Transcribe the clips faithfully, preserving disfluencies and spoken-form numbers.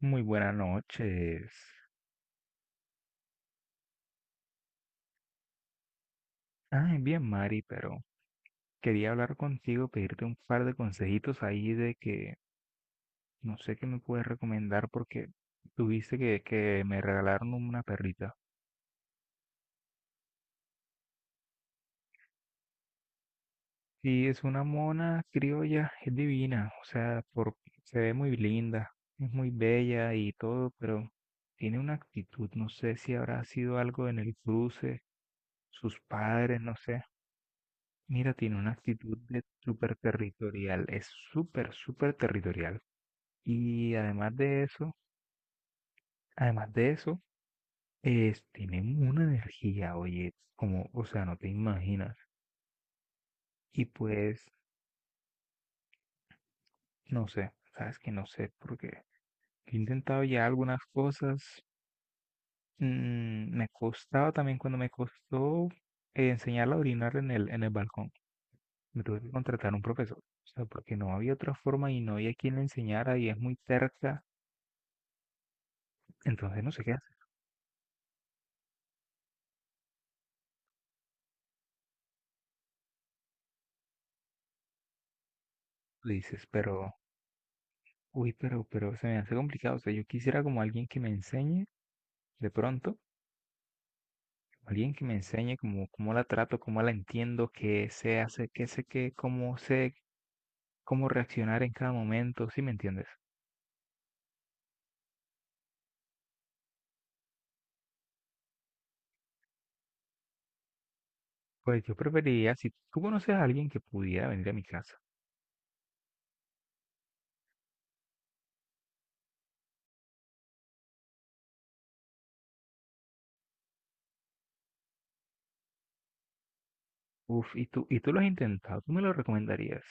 Muy buenas noches. Ay, bien, Mari, pero quería hablar contigo, pedirte un par de consejitos ahí de que no sé qué me puedes recomendar porque tuviste que, que me regalaron una perrita. Sí, es una mona criolla, es divina. O sea, por, se ve muy linda, es muy bella y todo, pero tiene una actitud. No sé si habrá sido algo en el cruce, sus padres, no sé. Mira, tiene una actitud de súper territorial, es súper, súper territorial. Y además de eso, además de eso, es, tienen una energía, oye, como, o sea, no te imaginas. Y pues no sé, sabes que no sé, porque he intentado ya algunas cosas. Mm, me costaba también cuando me costó eh, enseñarla a orinar en el, en el balcón. Me tuve que contratar un profesor, o sea, porque no había otra forma y no había quien le enseñara y es muy cerca. Entonces no sé qué hacer. Tú dices, pero uy, pero, pero se me hace complicado. O sea, yo quisiera como alguien que me enseñe, de pronto, alguien que me enseñe como cómo la trato, cómo la entiendo, qué se hace, qué sé qué, cómo sé, cómo reaccionar en cada momento, ¿sí me entiendes? Pues yo preferiría, si tú conoces a alguien que pudiera venir a mi casa, uf. ¿Y tú, y tú lo has intentado? ¿Tú me lo recomendarías?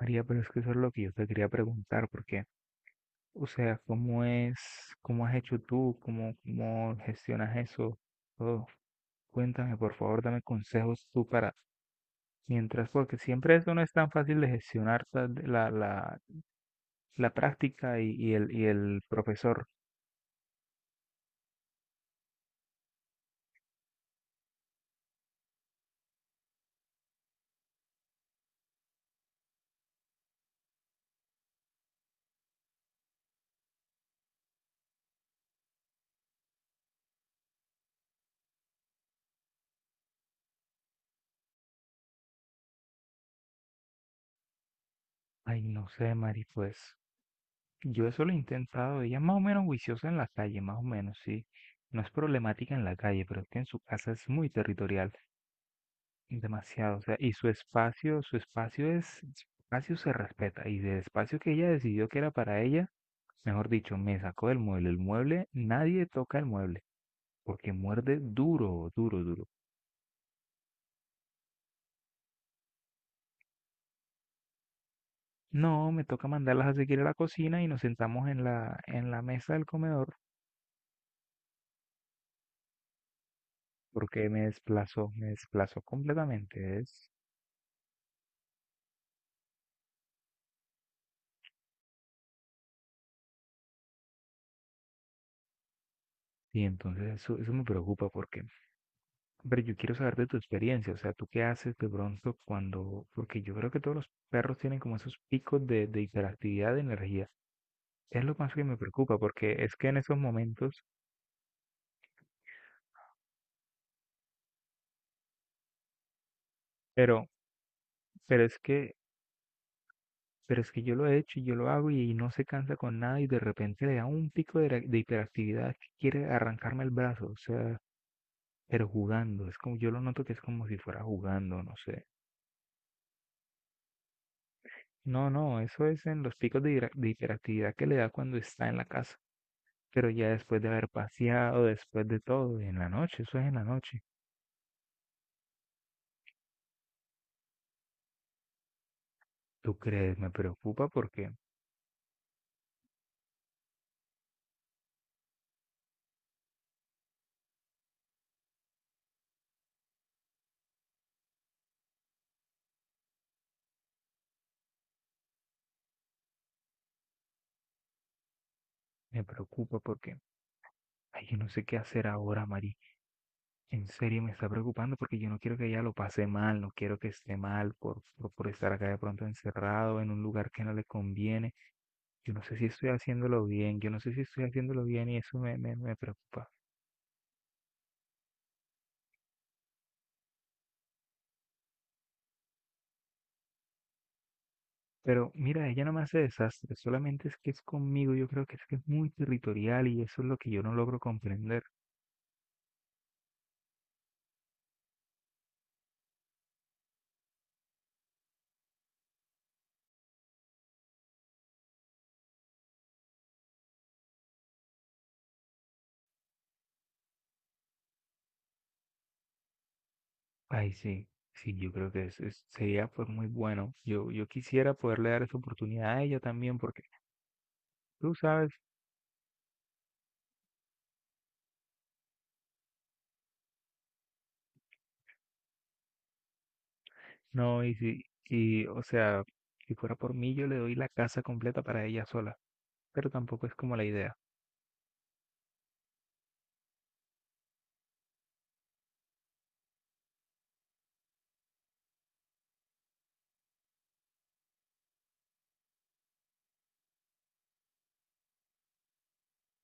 María, pero es que eso es lo que yo te quería preguntar, porque o sea, ¿cómo es, cómo has hecho tú, cómo, cómo gestionas eso? Todo. Cuéntame, por favor, dame consejos tú para, mientras, porque siempre eso no es tan fácil de gestionar la, la, la, la práctica y, y el, y el profesor. Ay, no sé, Mari, pues yo eso lo he intentado. Ella es más o menos juiciosa en la calle, más o menos, sí. No es problemática en la calle, pero es que en su casa es muy territorial. Demasiado, o sea, y su espacio, su espacio es, su espacio se respeta, y del espacio que ella decidió que era para ella, mejor dicho, me sacó del mueble. El mueble, nadie toca el mueble, porque muerde duro, duro, duro. No, me toca mandarlas a seguir a la cocina y nos sentamos en la, en la mesa del comedor, porque me desplazó, me desplazó completamente, es, y entonces eso, eso me preocupa, porque pero yo quiero saber de tu experiencia. O sea, ¿tú qué haces de pronto cuando, porque yo creo que todos los perros tienen como esos picos de, de hiperactividad de energía? Es lo más que me preocupa, porque es que en esos momentos, pero, pero es que, pero es que yo lo he hecho y yo lo hago y no se cansa con nada y de repente le da un pico de, de hiperactividad que quiere arrancarme el brazo. O sea, pero jugando, es como, yo lo noto que es como si fuera jugando, no sé. No, no, eso es en los picos de hira- de hiperactividad que le da cuando está en la casa. Pero ya después de haber paseado, después de todo, en la noche, eso es en la noche. ¿Tú crees? Me preocupa porque, me preocupa porque, ay, yo no sé qué hacer ahora, Mari. En serio me está preocupando porque yo no quiero que ella lo pase mal, no quiero que esté mal por, por, por estar acá de pronto encerrado en un lugar que no le conviene. Yo no sé si estoy haciéndolo bien, yo no sé si estoy haciéndolo bien y eso me, me, me preocupa. Pero mira, ella no me hace desastre, solamente es que es conmigo. Yo creo que es que es muy territorial y eso es lo que yo no logro comprender. Ay, sí, sí, yo creo que es- es- sería pues muy bueno. Yo, yo quisiera poderle dar esa oportunidad a ella también, porque tú sabes, no, y si, y, o sea, si fuera por mí, yo le doy la casa completa para ella sola, pero tampoco es como la idea.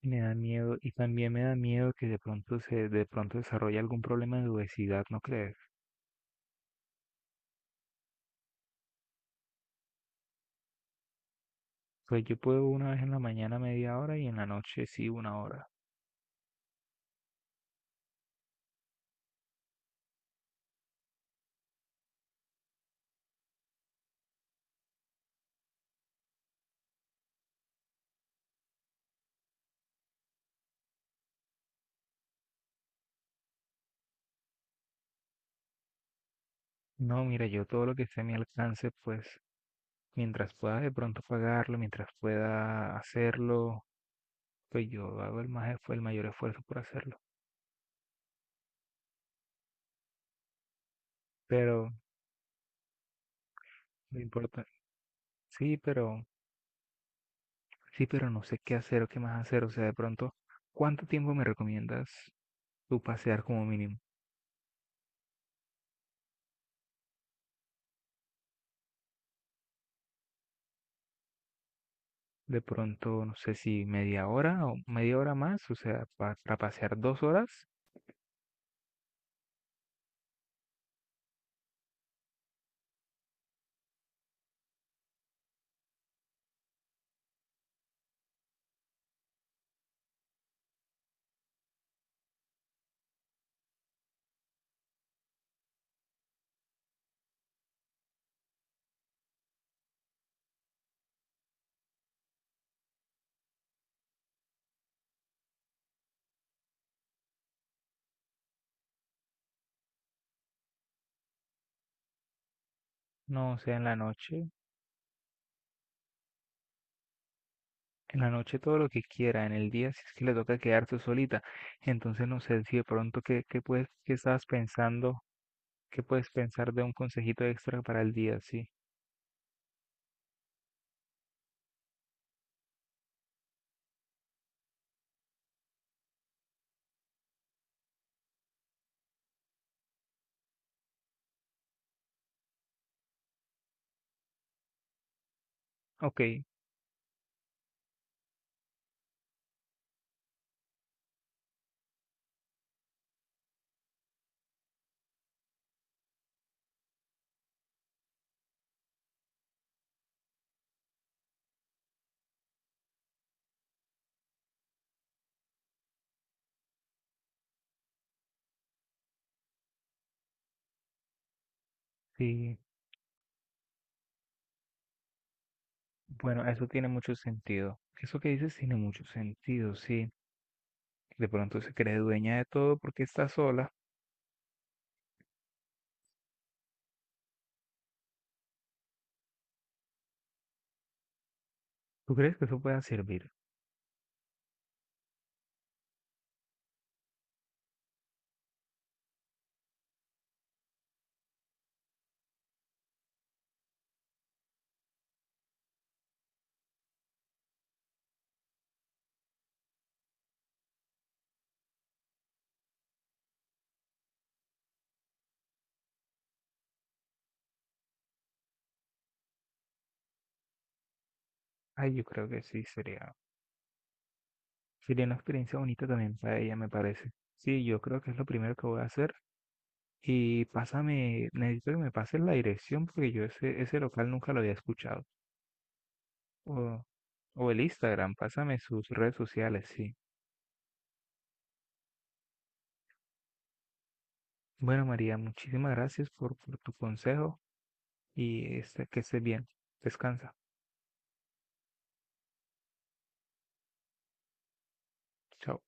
Me da miedo, y también me da miedo que de pronto se, de pronto desarrolle algún problema de obesidad, ¿no crees? Pues yo puedo una vez en la mañana media hora y en la noche sí una hora. No, mira, yo todo lo que esté a mi alcance, pues mientras pueda de pronto pagarlo, mientras pueda hacerlo, pues yo hago el más, esfu- el mayor esfuerzo por hacerlo. Pero no importa. Sí, pero sí, pero no sé qué hacer o qué más hacer. O sea, de pronto, ¿cuánto tiempo me recomiendas tú pasear como mínimo? De pronto, no sé si media hora o media hora más, o sea, pa- para pasear dos horas, no, o sea, en la noche, en la noche todo lo que quiera, en el día si es que le toca quedarse solita. Entonces, no sé si de pronto, ¿qué, qué puedes, qué estabas pensando? ¿Qué puedes pensar de un consejito extra para el día? Sí. Ok, sí. Bueno, eso tiene mucho sentido. Eso que dices tiene mucho sentido, sí. De pronto se cree dueña de todo porque está sola. ¿Tú crees que eso pueda servir? Ay, yo creo que sí, sería, sería una experiencia bonita también para ella, me parece. Sí, yo creo que es lo primero que voy a hacer. Y pásame, necesito que me pases la dirección porque yo ese, ese local nunca lo había escuchado. O, o el Instagram, pásame sus redes sociales, sí. Bueno, María, muchísimas gracias por, por tu consejo y este, que estés bien. Descansa. Chao.